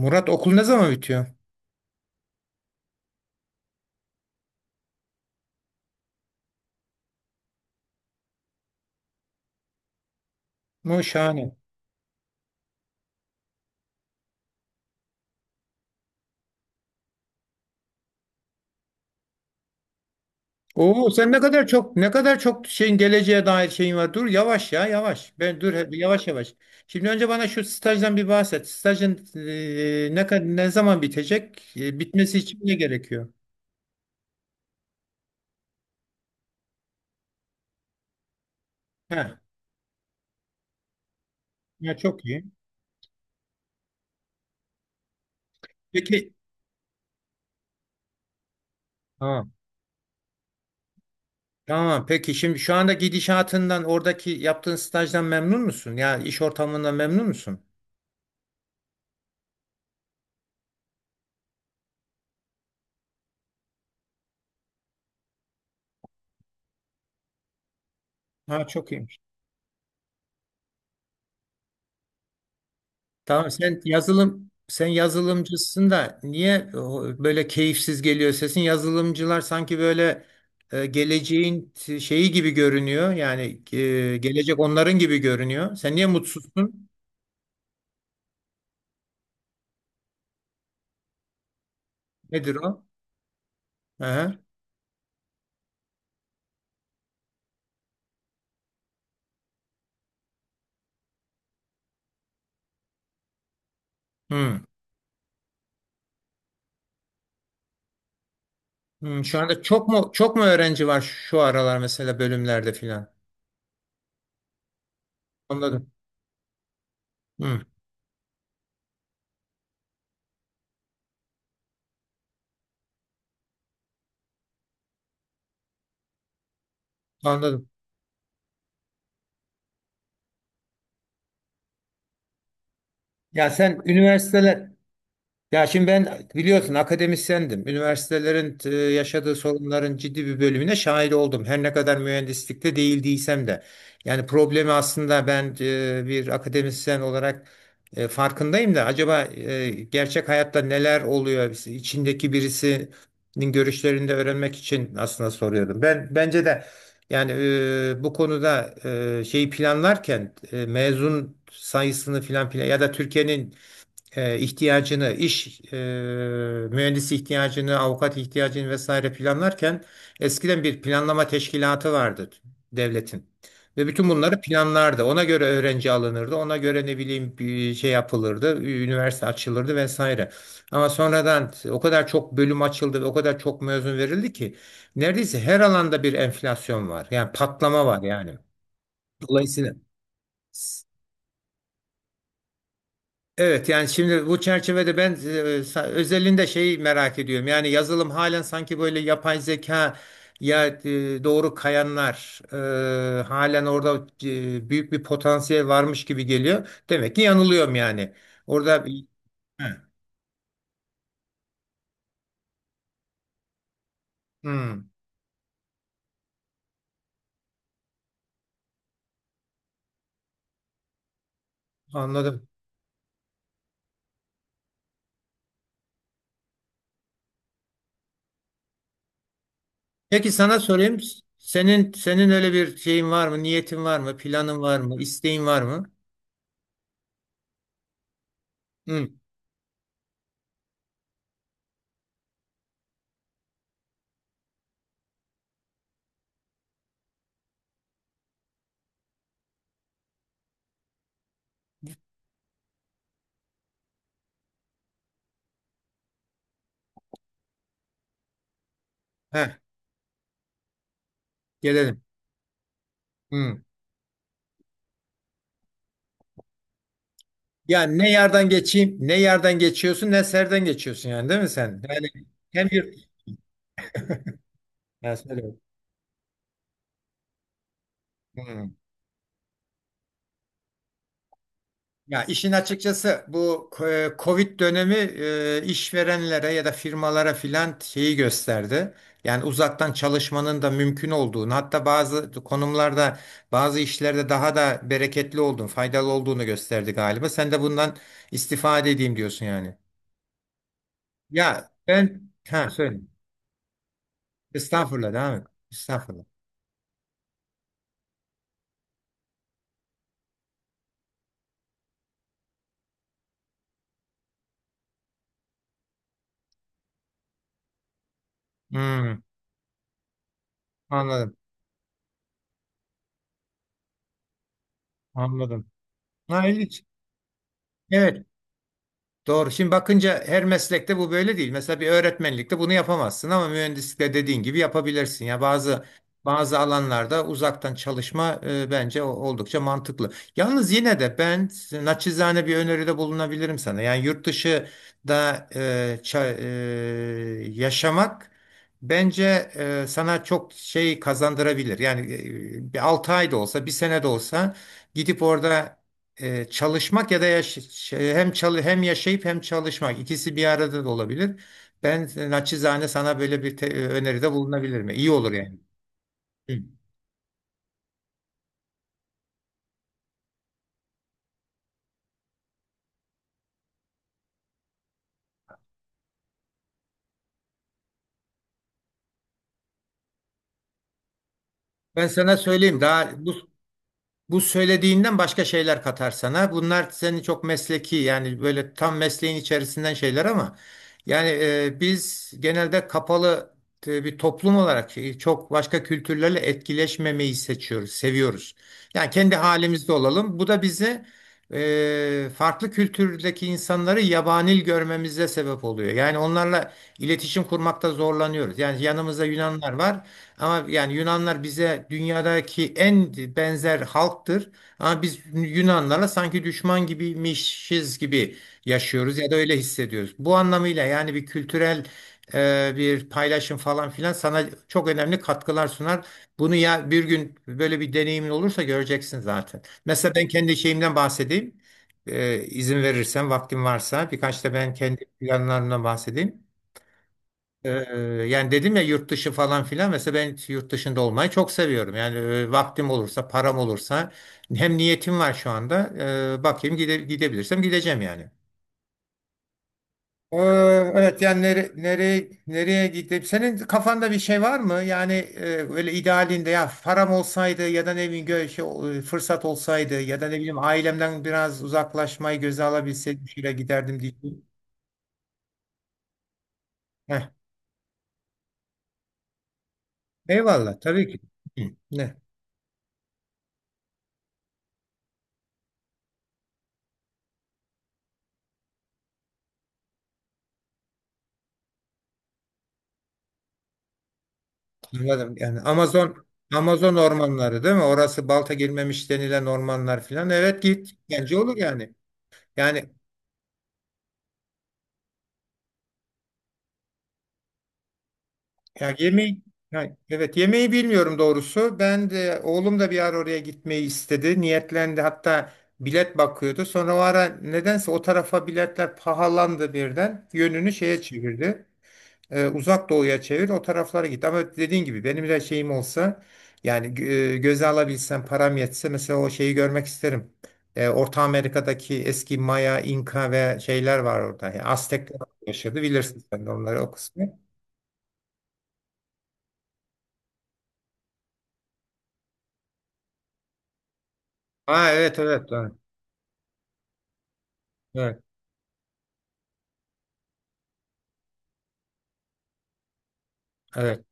Murat, okul ne zaman bitiyor? Mu şahane. Oo, sen ne kadar çok, ne kadar çok şeyin, geleceğe dair şeyin var. Dur, yavaş ya, yavaş. Ben dur, yavaş yavaş. Şimdi önce bana şu stajdan bir bahset. Stajın, ne zaman bitecek? Bitmesi için ne gerekiyor? He. Ya çok iyi. Peki, tamam. Tamam. Peki şimdi şu anda gidişatından, oradaki yaptığın stajdan memnun musun? Ya iş ortamından memnun musun? Ha, çok iyi. Tamam, sen yazılımcısın da niye o böyle keyifsiz geliyor sesin? Yazılımcılar sanki böyle şeyi gibi görünüyor. Yani gelecek onların gibi görünüyor. Sen niye mutsuzsun? Nedir o? Aha. Hmm. Hmm. Şu anda çok mu öğrenci var şu aralar mesela bölümlerde filan? Anladım. Hmm. Anladım. Ya sen üniversiteler Ya şimdi ben, biliyorsun, akademisyendim. Üniversitelerin yaşadığı sorunların ciddi bir bölümüne şahit oldum. Her ne kadar mühendislikte değil değilsem de. Yani problemi aslında ben, bir akademisyen olarak farkındayım da acaba gerçek hayatta neler oluyor? İçindeki birisinin görüşlerini de öğrenmek için aslında soruyordum. Ben bence de yani bu konuda şeyi planlarken mezun sayısını filan plan ya da Türkiye'nin ihtiyacını, mühendisi ihtiyacını, avukat ihtiyacını vesaire planlarken eskiden bir planlama teşkilatı vardı devletin. Ve bütün bunları planlardı. Ona göre öğrenci alınırdı. Ona göre ne bileyim bir şey yapılırdı. Üniversite açılırdı vesaire. Ama sonradan o kadar çok bölüm açıldı ve o kadar çok mezun verildi ki neredeyse her alanda bir enflasyon var. Yani patlama var yani. Dolayısıyla evet, yani şimdi bu çerçevede ben özelinde şeyi merak ediyorum. Yani yazılım halen sanki böyle yapay zeka ya doğru kayanlar halen orada büyük bir potansiyel varmış gibi geliyor. Demek ki yanılıyorum yani. Orada hmm, anladım. Peki sana sorayım. Senin öyle bir şeyin var mı? Niyetin var mı? Planın var mı? İsteğin var mı? Hmm, heh, gelelim. Hmm. Yani ne yerden geçeyim, ne yerden geçiyorsun, ne serden geçiyorsun yani, değil mi sen? Yani hem bir, yani söyle. Hmm. Ya işin açıkçası bu Covid dönemi işverenlere ya da firmalara filan şeyi gösterdi. Yani uzaktan çalışmanın da mümkün olduğunu, hatta bazı konumlarda, bazı işlerde daha da bereketli olduğunu, faydalı olduğunu gösterdi galiba. Sen de bundan istifade edeyim diyorsun yani. Ya ben, ha söyle. Estağfurullah, devam et. Estağfurullah. Hmm. Anladım, anladım. Ha, ilginç. Evet, doğru. Şimdi bakınca her meslekte bu böyle değil. Mesela bir öğretmenlikte bunu yapamazsın ama mühendislikte dediğin gibi yapabilirsin. Ya bazı alanlarda uzaktan çalışma bence oldukça mantıklı. Yalnız yine de ben naçizane bir öneride bulunabilirim sana. Yani yurt dışı da yaşamak bence sana çok şey kazandırabilir. Yani bir 6 ay da olsa, bir sene de olsa gidip orada çalışmak ya da hem yaşayıp hem çalışmak, ikisi bir arada da olabilir. Ben naçizane sana böyle bir öneride bulunabilirim. İyi olur yani. Hı. Ben sana söyleyeyim daha bu Bu söylediğinden başka şeyler katar sana. Bunlar seni çok mesleki, yani böyle tam mesleğin içerisinden şeyler ama yani biz genelde kapalı bir toplum olarak çok başka kültürlerle etkileşmemeyi seçiyoruz, seviyoruz. Yani kendi halimizde olalım. Bu da bizi farklı kültürdeki insanları yabani görmemize sebep oluyor. Yani onlarla iletişim kurmakta zorlanıyoruz. Yani yanımızda Yunanlar var. Ama yani Yunanlar bize dünyadaki en benzer halktır. Ama biz Yunanlara sanki düşman gibiymişiz gibi yaşıyoruz ya da öyle hissediyoruz. Bu anlamıyla yani bir kültürel bir paylaşım falan filan sana çok önemli katkılar sunar. Bunu ya bir gün böyle bir deneyimin olursa göreceksin zaten. Mesela ben kendi şeyimden bahsedeyim. E, izin verirsen, vaktim varsa, birkaç da ben kendi planlarımdan bahsedeyim. Ee, Yani dedim ya, yurt dışı falan filan, mesela ben yurt dışında olmayı çok seviyorum. Yani vaktim olursa, param olursa, hem niyetim var şu anda. Bakayım gidebilirsem gideceğim yani. Ee, evet yani nereye gidip, senin kafanda bir şey var mı? Yani böyle idealinde, ya param olsaydı ya da ne bileyim fırsat olsaydı ya da ne bileyim ailemden biraz uzaklaşmayı göze alabilseydim şuraya giderdim diye. Heh, eyvallah tabii ki. Hı, ne? Anladım. Amazon ormanları değil mi? Orası balta girmemiş denilen ormanlar filan. Evet git. Bence olur yani. Yani ya yemeği, yani evet, yemeği bilmiyorum doğrusu. Ben de oğlum da bir ara oraya gitmeyi istedi. Niyetlendi. Hatta bilet bakıyordu. Sonra o ara nedense o tarafa biletler pahalandı birden. Yönünü şeye çevirdi. E, uzak doğuya çevir, o taraflara git. Ama dediğin gibi benim de şeyim olsa, yani göze alabilsem, param yetse, mesela o şeyi görmek isterim. E, Orta Amerika'daki eski Maya, İnka ve şeyler var orada. Yani Aztekler yaşadı, bilirsin sen de onları, o kısmı. Ha evet, evet, evet, evet. Evet.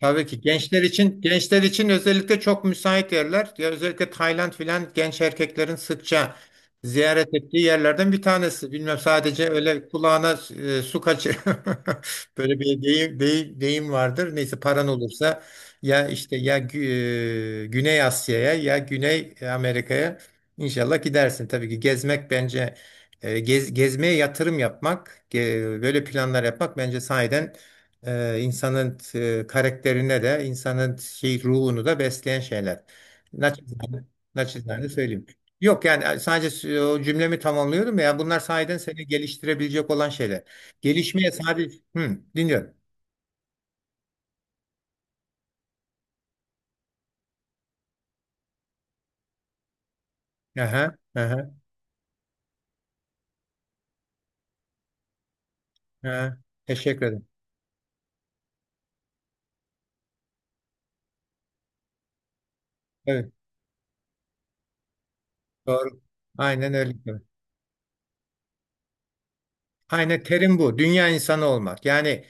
Tabii ki gençler için, gençler için özellikle çok müsait yerler. Ya özellikle Tayland filan genç erkeklerin sıkça ziyaret ettiği yerlerden bir tanesi. Bilmem, sadece öyle kulağına su kaçır. Böyle bir deyim vardır. Neyse, paran olursa, ya işte ya Güney Asya'ya ya Güney Amerika'ya inşallah gidersin. Tabii ki gezmek bence gezmeye yatırım yapmak, böyle planlar yapmak bence sahiden insanın karakterine de, insanın şey, ruhunu da besleyen şeyler. Naçizane, naçizane söyleyeyim. Yok yani, sadece o cümlemi tamamlıyorum ya, bunlar sahiden seni geliştirebilecek olan şeyler. Gelişmeye sadece, hı, dinliyorum. Aha, aha, aha. Teşekkür ederim. Evet, doğru. Aynen öyle. Aynen, terim bu. Dünya insanı olmak. Yani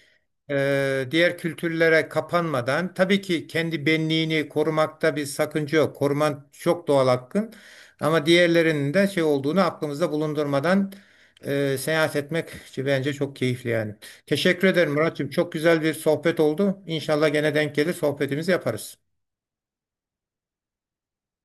diğer kültürlere kapanmadan tabii ki kendi benliğini korumakta bir sakınca yok. Koruman çok doğal hakkın. Ama diğerlerinin de şey olduğunu aklımızda bulundurmadan seyahat etmek bence çok keyifli yani. Teşekkür ederim Muratçım. Çok güzel bir sohbet oldu. İnşallah gene denk gelir, sohbetimizi yaparız.